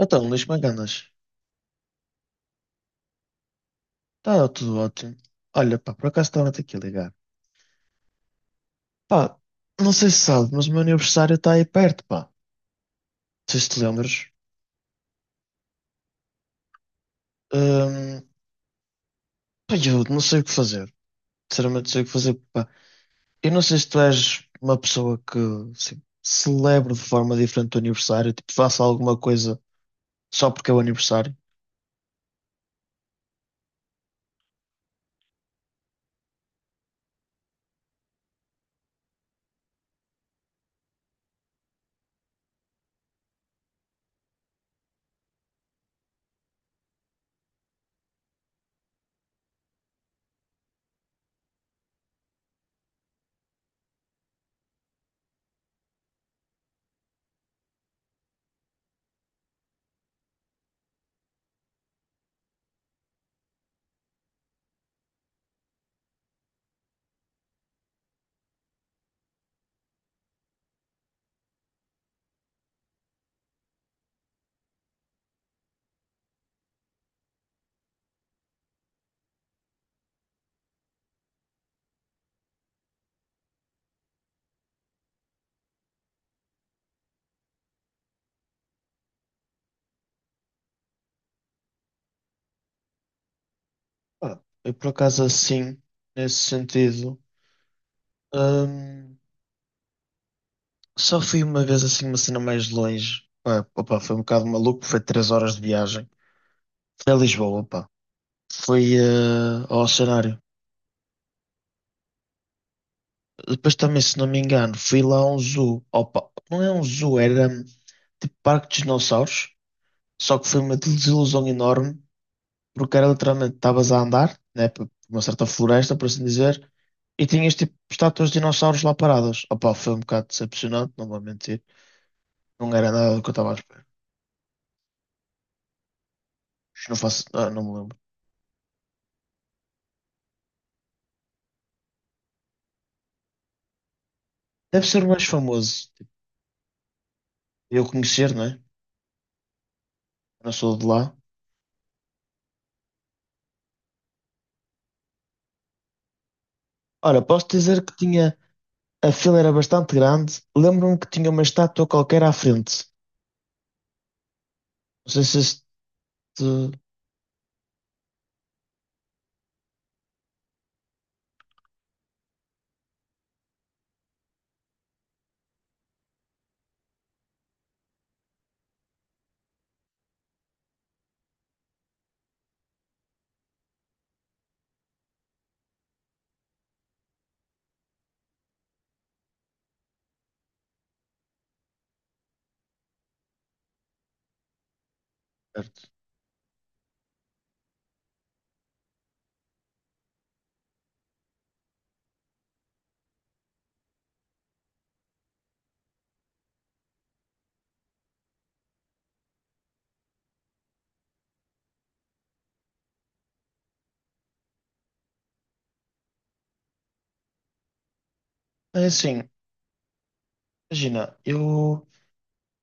Então, Luís, como é? Está tudo ótimo. Olha, pá, por acaso estava-te aqui a ligar. Pá, não sei se sabe, mas o meu aniversário está aí perto, pá. Não sei se te lembras. Hum, pá, eu não sei o que fazer. Sinceramente, não sei o que fazer, pá. Eu não sei se tu és uma pessoa que, assim, celebra de forma diferente o aniversário, tipo, faça alguma coisa só porque é o aniversário. Pá, eu por acaso assim, nesse sentido. hum, Só fui uma vez assim, uma cena mais longe. Pá, opa, foi um bocado maluco, foi três horas de viagem. Foi a Lisboa, pá. Foi ao cenário. Depois também, se não me engano, fui lá a um zoo. Opa, não é um zoo, era tipo parque de dinossauros. Só que foi uma desilusão enorme, porque era literalmente, estavas a andar, né, por uma certa floresta, por assim dizer, e tinhas tipo estátuas de dinossauros lá paradas. Opa, foi um bocado decepcionante, não vou mentir. Não era nada do que eu estava a esperar. Não faço, ah, não me lembro. Deve ser o mais famoso, tipo. Eu conhecer, não é? Eu não sou de lá. Ora, posso dizer que tinha. A fila era bastante grande. Lembro-me que tinha uma estátua qualquer à frente. Não sei se este. Certo. É assim, imagina, eu.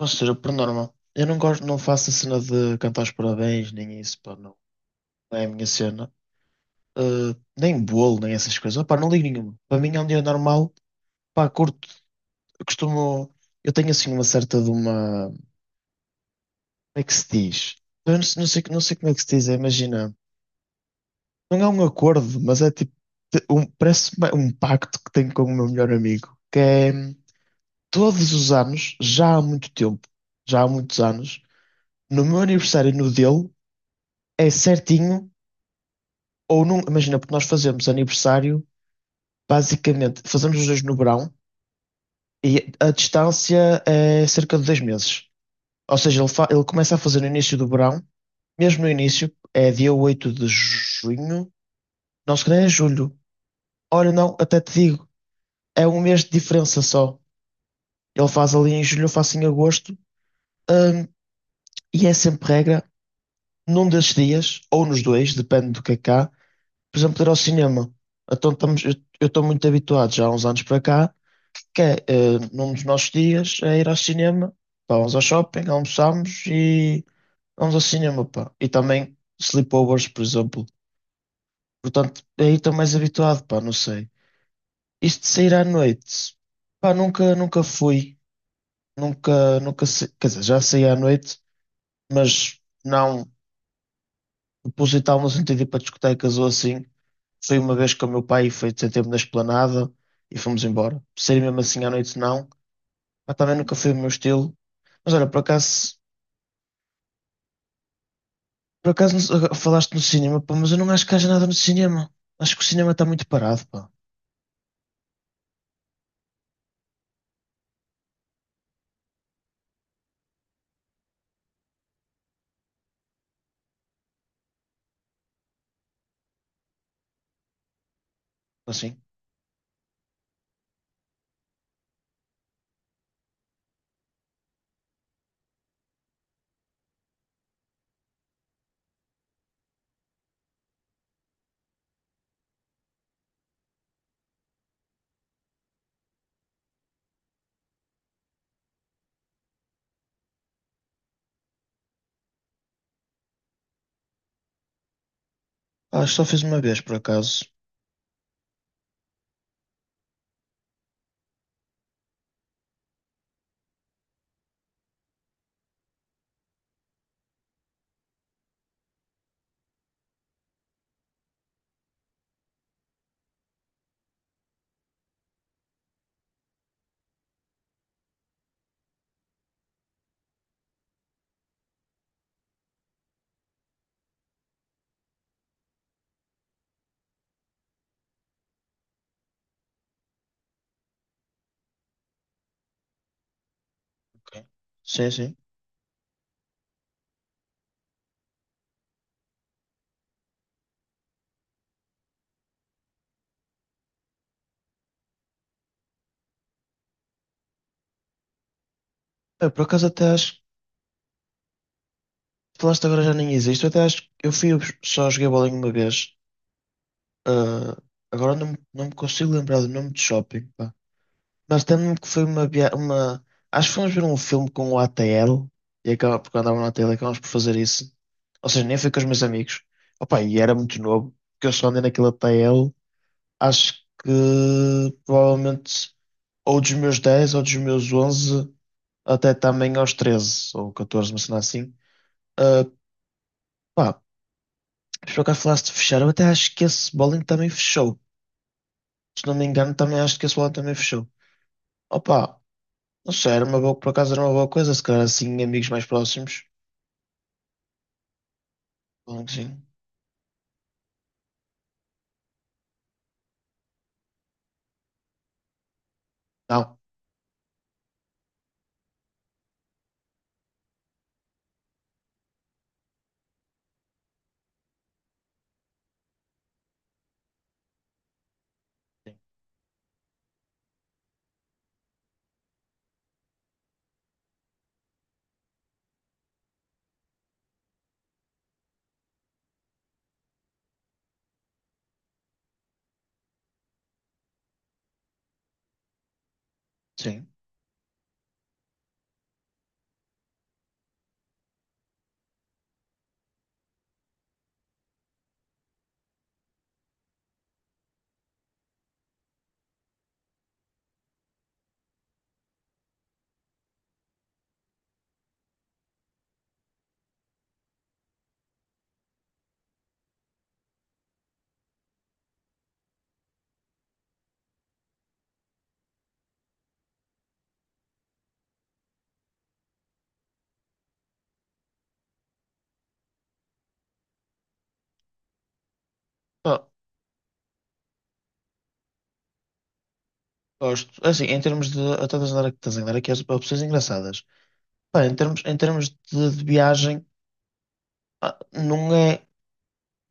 Ou seja, por norma, eu não gosto, não faço a cena de cantar os parabéns, nem isso, pá, não. Não é a minha cena. Nem bolo, nem essas coisas. Pá, não ligo nenhuma. Para mim é um dia normal. Pá, curto, eu costumo. Eu tenho assim uma certa de uma. É que se diz? Eu não sei, não sei, como é que se diz, é, imagina. Não é um acordo, mas é tipo. Parece um pacto que tenho com o meu melhor amigo, que é todos os anos, já há muito tempo, já há muitos anos, no meu aniversário e no dele, é certinho, ou não. Imagina, porque nós fazemos aniversário, basicamente, fazemos os dois no verão, e a distância é cerca de dois meses. Ou seja, ele, ele começa a fazer no início do verão, mesmo no início, é dia 8 de junho. Nós que é julho. Olha, não, até te digo, é um mês de diferença só. Ele faz ali em julho, eu faço em agosto. Hum, e é sempre regra, num desses dias, ou nos dois, depende do que é cá, por exemplo, ir ao cinema. Então, estamos, eu estou muito habituado já há uns anos para cá, que é, num dos nossos dias, é ir ao cinema, pá, vamos ao shopping, almoçamos e vamos ao cinema, pá. E também sleepovers, por exemplo. Portanto, aí estou mais habituado, pá, não sei. Isto de sair à noite, pá, nunca fui, nunca, nunca, quer dizer, já saí à noite, mas não proposital no sentido de ir para discotecas ou assim. Fui uma vez com o meu pai e foi ter tempo na esplanada e fomos embora. Sair mesmo assim à noite, não. Pá, também nunca foi o meu estilo. Mas olha, por acaso não agora falaste no cinema, pá, mas eu não acho que haja nada no cinema. Acho que o cinema está muito parado, pá, assim. Ah, só fiz uma vez, por acaso. Ok. Sim, sim. É, por acaso até acho. Falaste agora já nem existe. Eu até acho que eu fui, só joguei bowling uma vez. Ah, agora não, não me consigo lembrar do nome de shopping, pá. Mas lembro-me que foi uma, uma. Acho que fomos ver um filme com o ATL e acaba, porque andava no ATL e acabamos por fazer isso. Ou seja, nem fui com os meus amigos. Opa, e era muito novo, porque eu só andei naquele ATL. Acho que provavelmente ou dos meus 10 ou dos meus 11 até também aos 13 ou 14, uma cena assim. Por acaso falaste de fechar, eu até acho que esse bowling também fechou. Se não me engano, também acho que esse bowling também fechou. Opa, não sei, era uma boa, por acaso era uma boa coisa, se calhar assim, amigos mais próximos. Bowling, sim. Não, sim. Sim. Ah, gosto. É assim, em termos de. Eu estou a andar aqui, estás a andar aqui as opções engraçadas. Pá, em termos de viagem, pá, não é,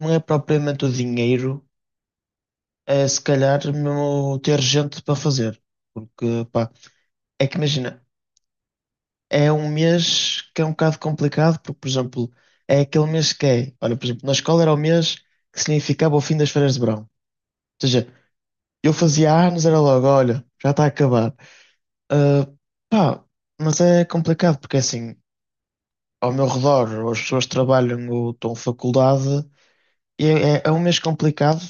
não é propriamente o dinheiro, é se calhar mesmo ter gente para fazer. Porque, pá, é que imagina. É um mês que é um bocado complicado, porque, por exemplo, é aquele mês que é. Olha, por exemplo, na escola era o mês que significava o fim das férias de verão. Ou seja, eu fazia anos, era logo, olha, já está a acabar. Ah, pá, mas é complicado, porque assim, ao meu redor, as pessoas trabalham ou estão em faculdade, e é, é um mês complicado.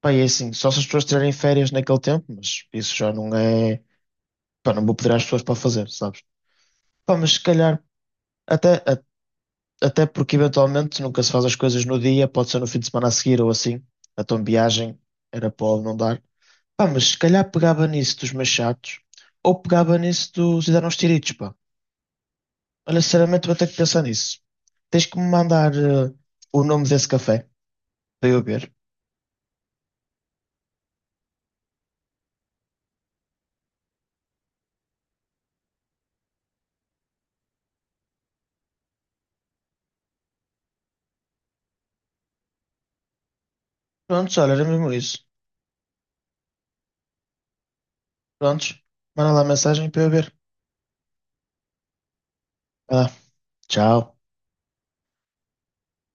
Pá, e é assim, só se as pessoas tirarem férias naquele tempo, mas isso já não é. Pá, não vou pedir às pessoas para fazer, sabes? Pá, mas se calhar. Até, até porque eventualmente nunca se faz as coisas no dia, pode ser no fim de semana a seguir ou assim. Então viagem era pode não dar. Pá, mas se calhar pegava nisso dos machados ou pegava nisso dos hidanos tiritos, pá. Olha, sinceramente vou ter que pensar nisso. Tens que me mandar o nome desse café para eu ver. Prontos, olha, era mesmo isso. Prontos, manda lá a mensagem para eu ver. Vai lá. Tchau.